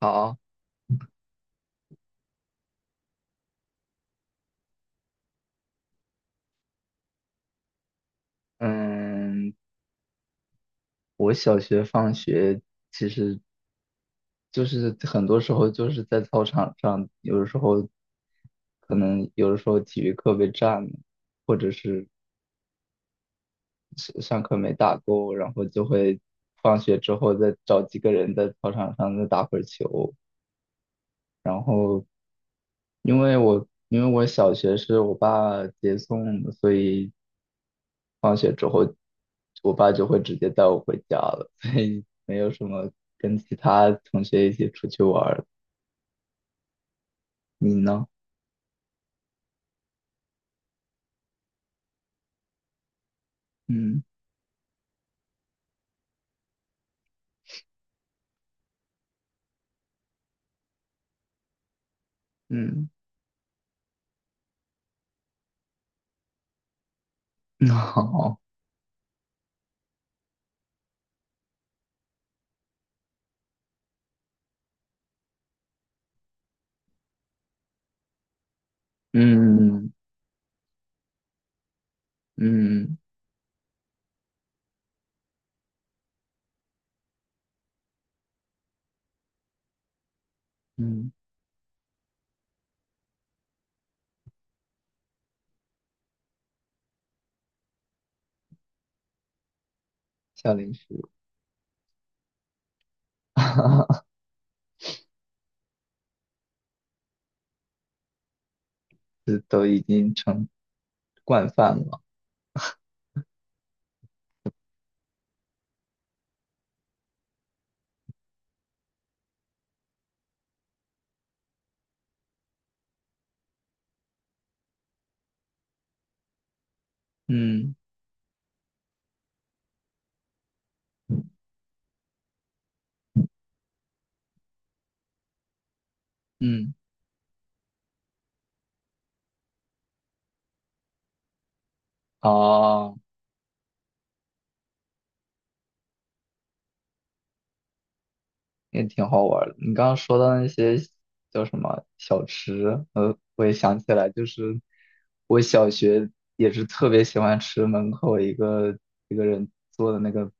好。嗯，我小学放学其实就是很多时候就是在操场上，有的时候可能有的时候体育课被占了，或者是上课没打够，然后就会放学之后再找几个人在操场上再打会儿球。然后因为我小学是我爸接送的，所以放学之后我爸就会直接带我回家了，所以没有什么跟其他同学一起出去玩儿。你呢？嗯嗯。好。嗯嗯嗯。夏哈哈。这都已经成惯犯了。嗯嗯。哦。也挺好玩儿的。你刚刚说到那些叫什么小吃，我也想起来，就是我小学也是特别喜欢吃门口一个一个人做的那个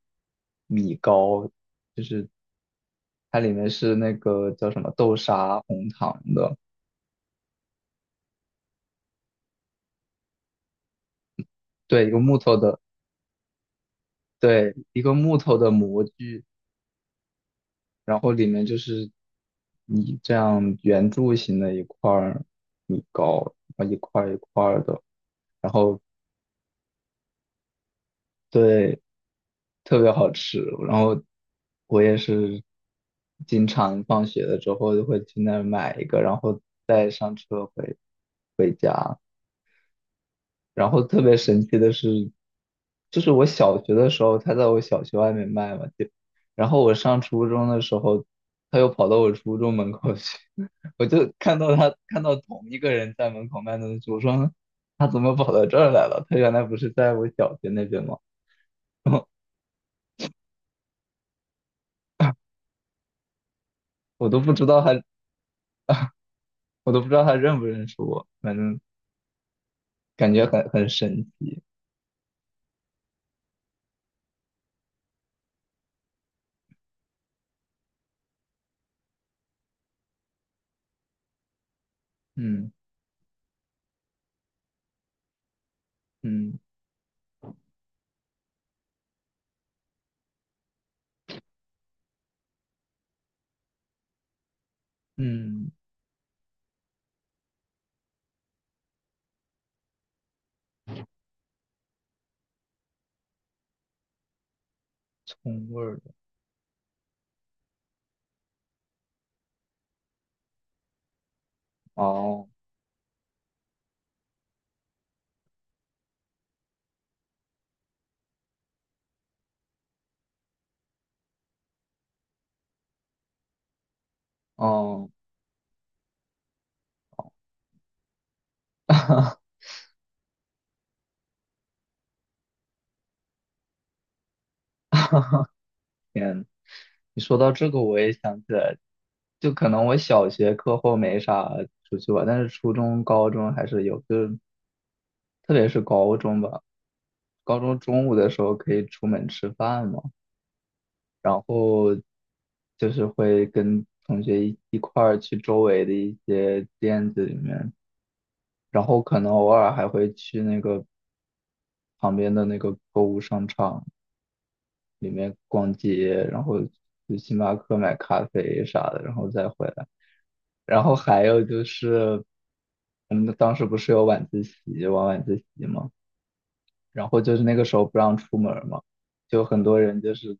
米糕，就是它里面是那个叫什么豆沙红糖的。对，一个木头的，对，一个木头的模具，然后里面就是你这样圆柱形的一块儿米糕，然后一块儿一块儿的，然后对，特别好吃。然后我也是经常放学了之后就会去那儿买一个，然后再上车回。然后特别神奇的是，就是我小学的时候，他在我小学外面卖嘛，就然后我上初中的时候，他又跑到我初中门口去。我就看到同一个人在门口卖东西，我说他怎么跑到这儿来了？他原来不是在我小学那边吗？我都不知道他，我都不知道他认不认识我，反正感觉很神奇。嗯嗯嗯。葱味儿的。哦哦。你说到这个，我也想起来，就可能我小学课后没啥出去玩，但是初中、高中还是有，就是特别是高中吧，高中中午的时候可以出门吃饭嘛，然后就是会跟同学一块儿去周围的一些店子里面，然后可能偶尔还会去那个旁边的那个购物商场。里面逛街，然后去星巴克买咖啡啥的，然后再回来。然后还有就是，我们当时不是有晚自习，晚自习嘛，然后就是那个时候不让出门儿嘛，就很多人就是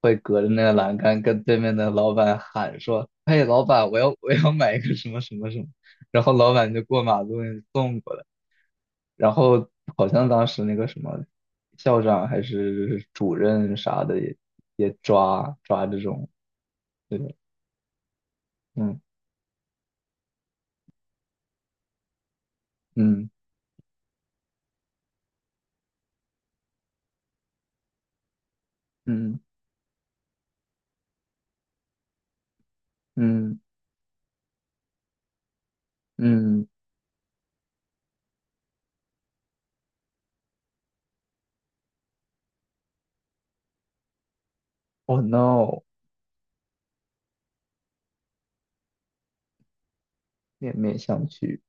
会隔着那个栏杆跟对面的老板喊说：“嘿，老板，我要买一个什么什么什么。”然后老板就过马路给你送过来。然后 好像当时那个什么校长还是主任啥的也也抓这种这种。嗯嗯嗯嗯嗯。Oh no。面面相觑。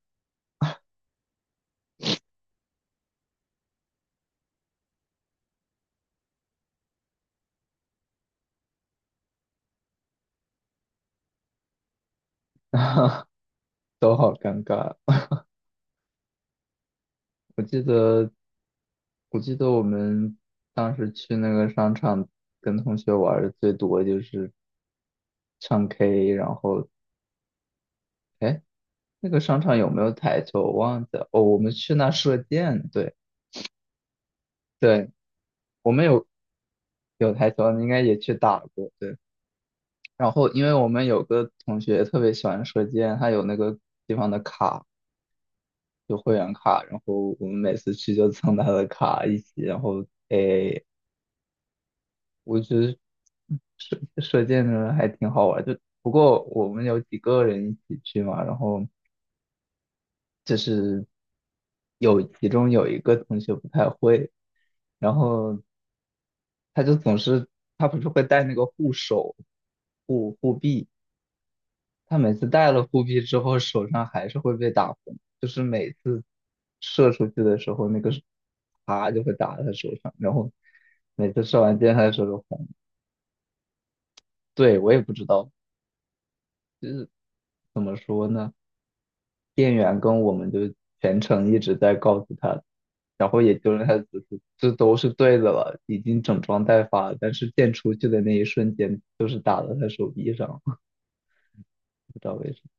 都好尴尬。我记得我记得我们当时去那个商场跟同学玩的最多就是唱 K。然后哎，那个商场有没有台球我忘记了，哦，我们去那射箭，对。对，我们有台球，你应该也去打过，对。然后因为我们有个同学特别喜欢射箭，他有那个地方的卡，有会员卡，然后我们每次去就蹭他的卡一起。然后诶，我觉得射箭的还挺好玩，就不过我们有几个人一起去嘛，然后。就是其中有一个同学不太会，然后他就总是他不是会带那个护手护臂，他每次带了护臂之后手上还是会被打红，就是每次射出去的时候那个啪就会打在他手上，然后每次射完箭他的手就红。对。我也不知道怎么说呢，店员跟我们就全程一直在告诉他。然后也就让他只是这都是对的了，已经整装待发了，但是箭出去的那一瞬间，就是打到他手臂上，不知道为什么，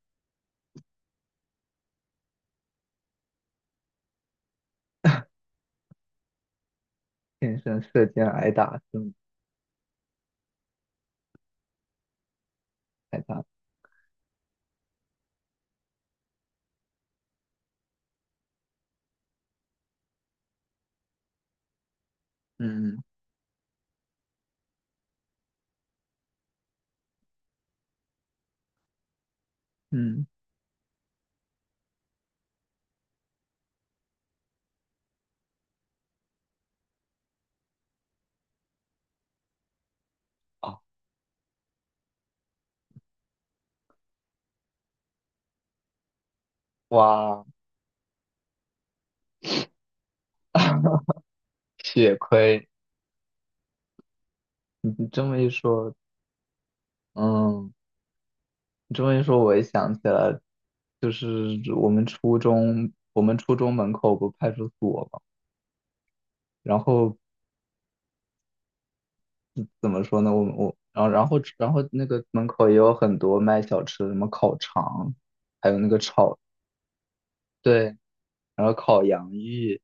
天生射箭挨打，这么挨打。嗯嗯。啊哇，血亏！你这么一说，嗯，你这么一说，我也想起来，就是我们初中，我们初中门口不派出所嘛。然后怎么说呢？我然后那个门口也有很多卖小吃的，什么烤肠，还有那个炒，对，然后烤洋芋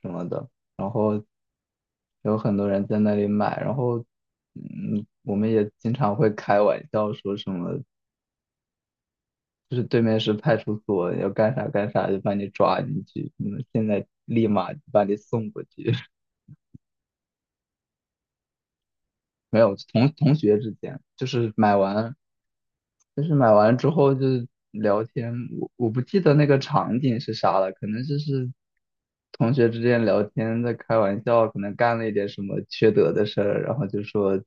什么的，然后有很多人在那里买。然后嗯，我们也经常会开玩笑说什么，就是对面是派出所，要干啥干啥就把你抓进去，嗯，现在立马把你送过去。没有，同学之间就是买完之后就是聊天。我不记得那个场景是啥了，可能就是同学之间聊天在开玩笑，可能干了一点什么缺德的事儿，然后就说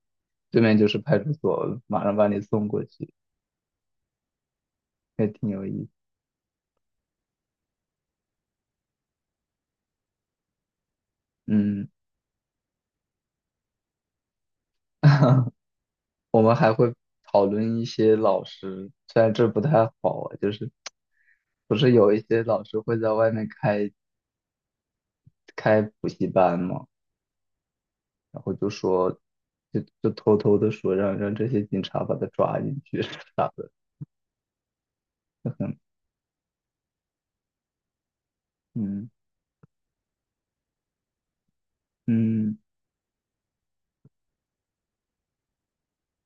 对面就是派出所，马上把你送过去，也挺有意思。嗯。我们还会讨论一些老师，虽然这不太好啊，就是不是有一些老师会在外面开补习班吗？然后就说，就偷偷的说让这些警察把他抓进去 啥的。嗯嗯。